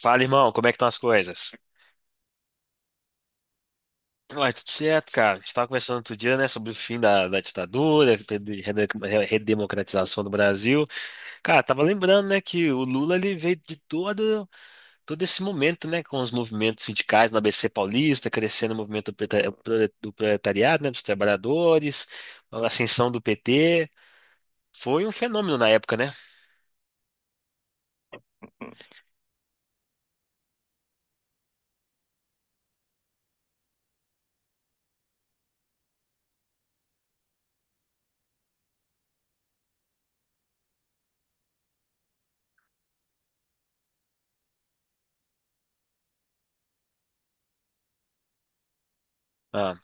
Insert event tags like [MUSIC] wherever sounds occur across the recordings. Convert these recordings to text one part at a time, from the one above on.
Fala, irmão, como é que estão as coisas? Ué, tudo certo, cara. A gente estava conversando outro dia, né, sobre o fim da ditadura, redemocratização do Brasil. Cara, tava lembrando, né, que o Lula ele veio de todo esse momento, né, com os movimentos sindicais no ABC Paulista, crescendo o movimento do proletariado, né, dos trabalhadores, a ascensão do PT. Foi um fenômeno na época, né? Ah,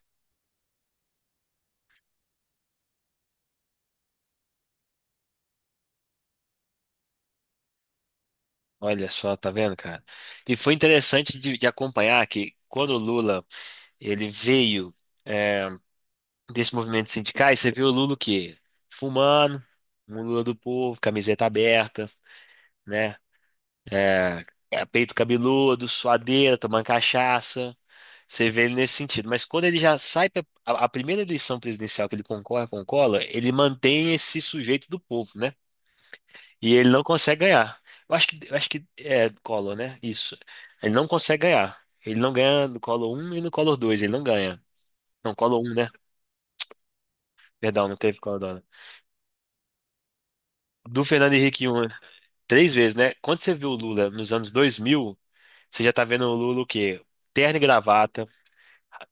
olha só, tá vendo, cara? E foi interessante de acompanhar que quando o Lula ele veio, eh, desse movimento sindicais, você vê o Lula o quê? Fumando, um Lula do povo, camiseta aberta, né? É, é, peito cabeludo, suadeira, tomando cachaça. Você vê ele nesse sentido. Mas quando ele já sai pra a primeira eleição presidencial que ele concorre com o Collor, ele mantém esse sujeito do povo, né? E ele não consegue ganhar. Eu acho que é Collor, né? Isso. Ele não consegue ganhar. Ele não ganha no Collor um e no Collor dois. Ele não ganha. Não, Collor um, né? Perdão, não teve Collor dois. Do Fernando Henrique 1. Três vezes, né? Quando você viu o Lula nos anos 2000, você já tá vendo o Lula o quê? Terno e gravata,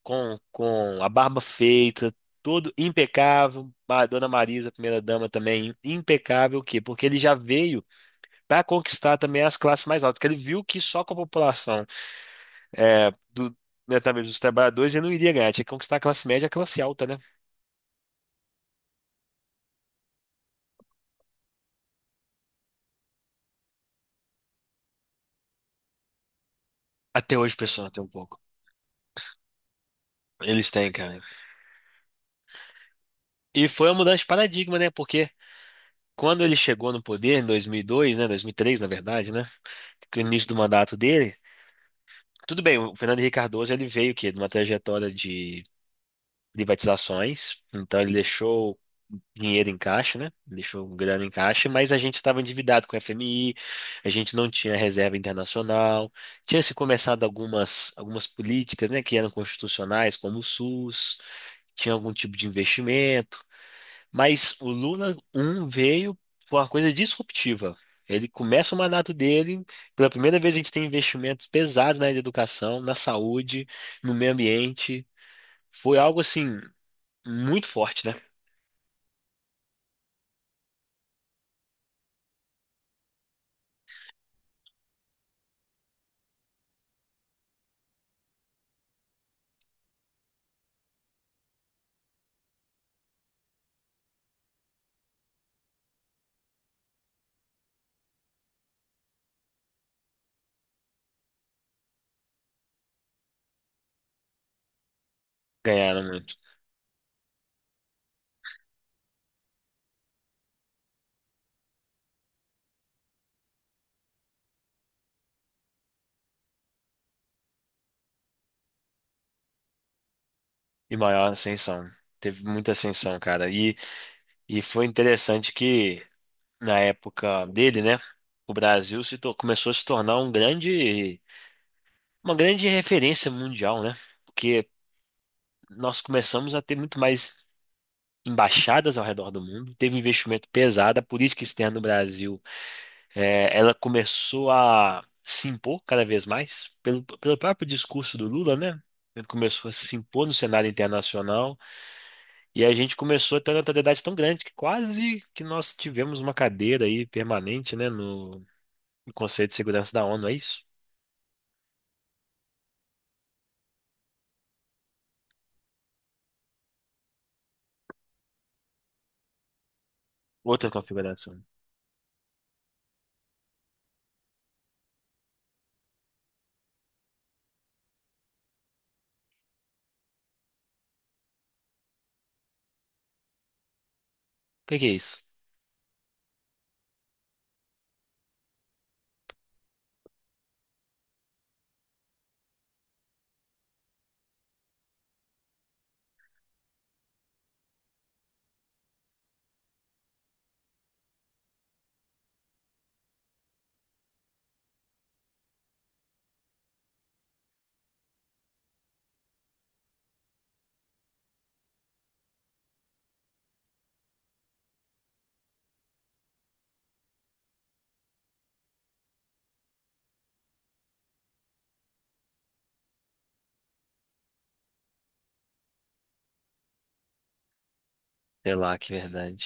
com a barba feita, todo impecável. A Dona Marisa, primeira-dama também, impecável. O quê? Porque ele já veio para conquistar também as classes mais altas, que ele viu que só com a população é, do, né, talvez dos trabalhadores ele não iria ganhar, tinha que conquistar a classe média e a classe alta, né? Até hoje o pessoal tem um pouco. Eles têm, cara. E foi uma mudança de paradigma, né? Porque quando ele chegou no poder, em 2002, né, 2003, na verdade, né, que é o início do mandato dele, tudo bem, o Fernando Henrique Cardoso, ele veio que de uma trajetória de privatizações, então ele deixou dinheiro em caixa, né, deixou grana em caixa, mas a gente estava endividado com o FMI, a gente não tinha reserva internacional, tinha se começado algumas políticas, né, que eram constitucionais, como o SUS, tinha algum tipo de investimento. Mas o Luna um veio com uma coisa disruptiva. Ele começa o mandato dele, pela primeira vez a gente tem investimentos pesados na área de educação, na saúde, no meio ambiente. Foi algo assim muito forte, né? Ganharam muito. E maior ascensão. Teve muita ascensão, cara. E foi interessante que na época dele, né, o Brasil se tor- começou a se tornar um grande, uma grande referência mundial, né? Porque nós começamos a ter muito mais embaixadas ao redor do mundo, teve um investimento pesado, a política externa no Brasil, ela começou a se impor cada vez mais, pelo próprio discurso do Lula, né? Ele começou a se impor no cenário internacional e a gente começou a ter uma notoriedade tão grande que quase que nós tivemos uma cadeira aí permanente, né, no no Conselho de Segurança da ONU, é isso? Outra configuração. O que que é isso? Sei lá, que verdade.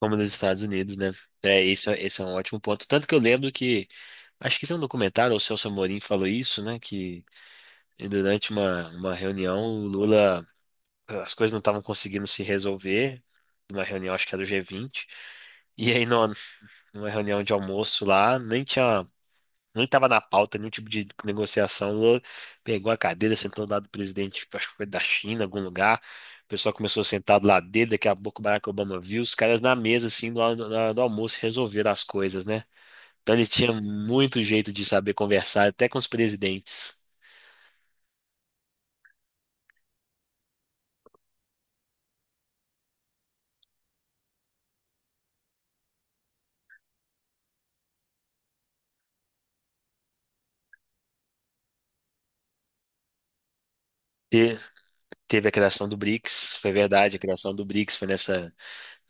Como nos Estados Unidos, né? É, isso, esse é um ótimo ponto. Tanto que eu lembro que acho que tem um documentário, o Celso Amorim falou isso, né? Que durante uma reunião, o Lula, as coisas não estavam conseguindo se resolver, numa reunião, acho que era do G20. E aí, numa reunião de almoço lá, nem tinha, nem tava na pauta nenhum tipo de negociação. O Lula pegou a cadeira, sentou do lado do presidente, tipo, acho que foi da China, algum lugar. O pessoal começou a sentar do lado dele, daqui a pouco o Barack Obama viu, os caras na mesa, assim, do almoço, resolveram as coisas, né? Então ele tinha muito jeito de saber conversar, até com os presidentes. Te- Teve a criação do BRICS, foi verdade, a criação do BRICS foi nessa,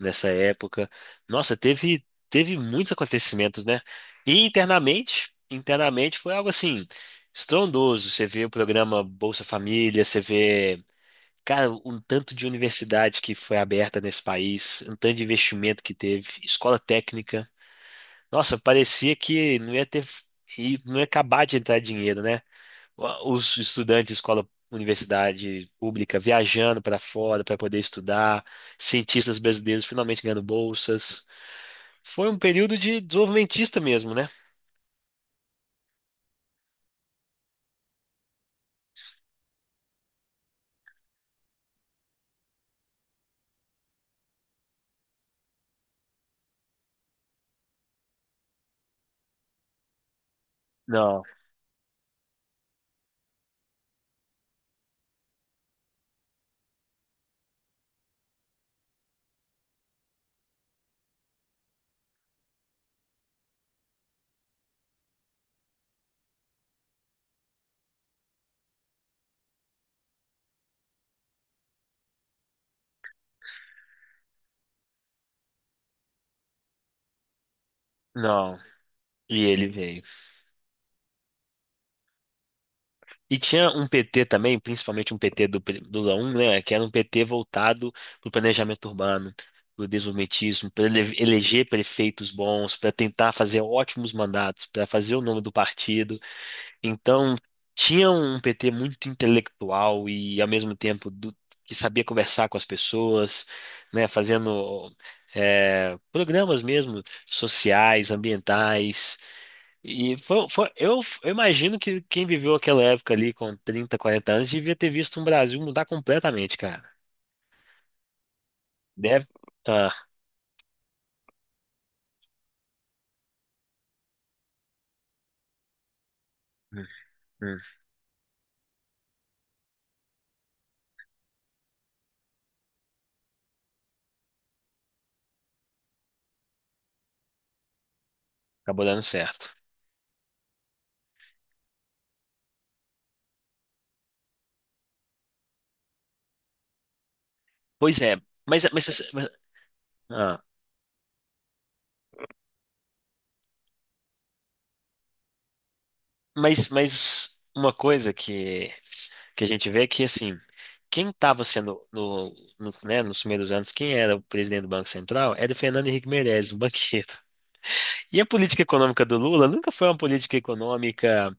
nessa época. Nossa, teve muitos acontecimentos, né? E internamente, internamente foi algo assim, estrondoso. Você vê o programa Bolsa Família, você vê, cara, um tanto de universidade que foi aberta nesse país, um tanto de investimento que teve, escola técnica. Nossa, parecia que não ia ter, e não ia acabar de entrar dinheiro, né? Os estudantes de escola, universidade pública viajando para fora para poder estudar, cientistas brasileiros finalmente ganhando bolsas. Foi um período de desenvolvimentista mesmo, né? Não, não. E ele veio. E tinha um PT também, principalmente um PT do, do Lula 1, né, que era um PT voltado para o planejamento urbano, para o desenvolvimentismo, para eleger prefeitos bons, para tentar fazer ótimos mandatos, para fazer o nome do partido. Então, tinha um PT muito intelectual e, ao mesmo tempo, que sabia conversar com as pessoas, né, fazendo programas mesmo sociais, ambientais. E foi, eu imagino que quem viveu aquela época ali com 30 40 anos devia ter visto um Brasil mudar completamente, cara. Deve. Ah, hum, hum, acabou dando certo. Pois é, mas, mas, mas, ah, mas uma coisa que a gente vê é que, assim, quem estava sendo, no, no, né, nos primeiros anos, quem era o presidente do Banco Central era o Fernando Henrique Meirelles, o banqueiro. E a política econômica do Lula nunca foi uma política econômica.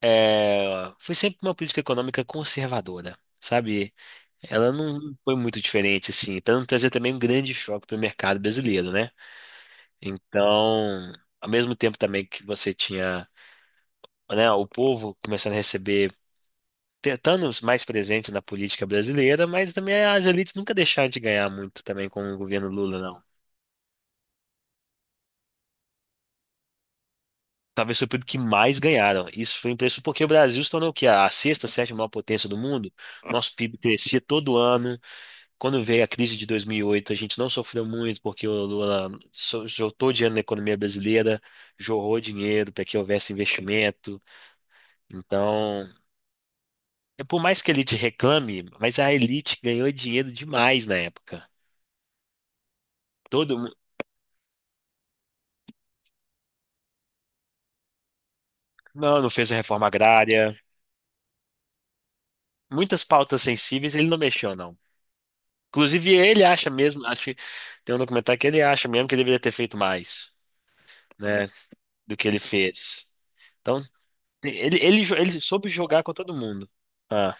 É, foi sempre uma política econômica conservadora, sabe? Ela não foi muito diferente, assim, para não trazer também um grande choque para o mercado brasileiro, né? Então, ao mesmo tempo também que você tinha, né, o povo começando a receber, tentando os mais presentes na política brasileira, mas também as elites nunca deixaram de ganhar muito também com o governo Lula, não. Talvez foi o período que mais ganharam. Isso foi impressionante porque o Brasil se tornou o quê? A sexta, sétima maior potência do mundo. Nosso PIB crescia todo ano. Quando veio a crise de 2008, a gente não sofreu muito porque o Lula soltou dinheiro na economia brasileira, jorrou dinheiro para que houvesse investimento. Então, é por mais que a elite reclame, mas a elite ganhou dinheiro demais na época. Todo mundo. Não, não fez a reforma agrária. Muitas pautas sensíveis ele não mexeu, não. Inclusive, ele acha mesmo, acho que tem um documentário que ele acha mesmo que ele deveria ter feito mais, né, do que ele fez. Então, ele soube jogar com todo mundo. Ah.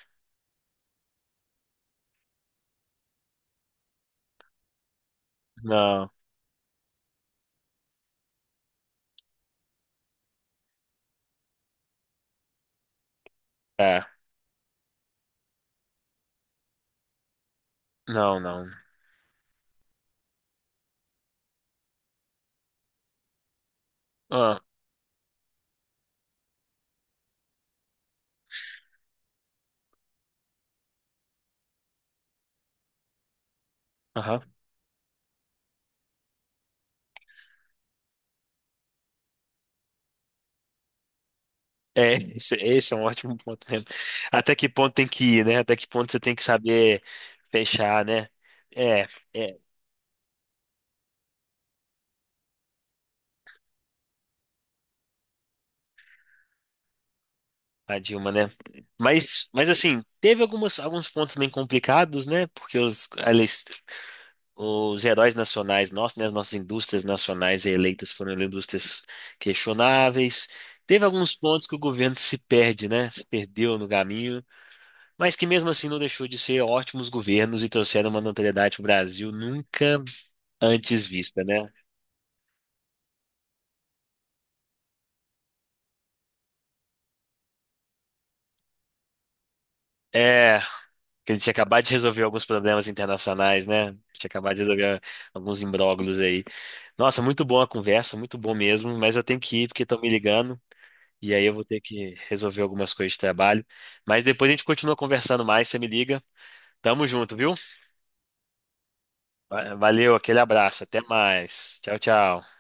Não, é. Não, não. Ah, aham. É, [LAUGHS] esse é um ótimo ponto mesmo. Até que ponto tem que ir, né? Até que ponto você tem que saber fechar, né? É, é, a Dilma, né? Mas assim, teve alguns pontos bem complicados, né? Porque os, eles, os heróis nacionais nossos, né? As nossas indústrias nacionais eleitas foram indústrias questionáveis. Teve alguns pontos que o governo se perde, né? Se perdeu no caminho. Mas que mesmo assim não deixou de ser ótimos governos e trouxeram uma notoriedade para o Brasil nunca antes vista, né? É, que ele tinha acabado de resolver alguns problemas internacionais, né? Tinha acabado de resolver alguns imbróglios aí. Nossa, muito boa a conversa, muito bom mesmo, mas eu tenho que ir porque estão me ligando e aí eu vou ter que resolver algumas coisas de trabalho. Mas depois a gente continua conversando mais, você me liga. Tamo junto, viu? Valeu, aquele abraço, até mais. Tchau, tchau.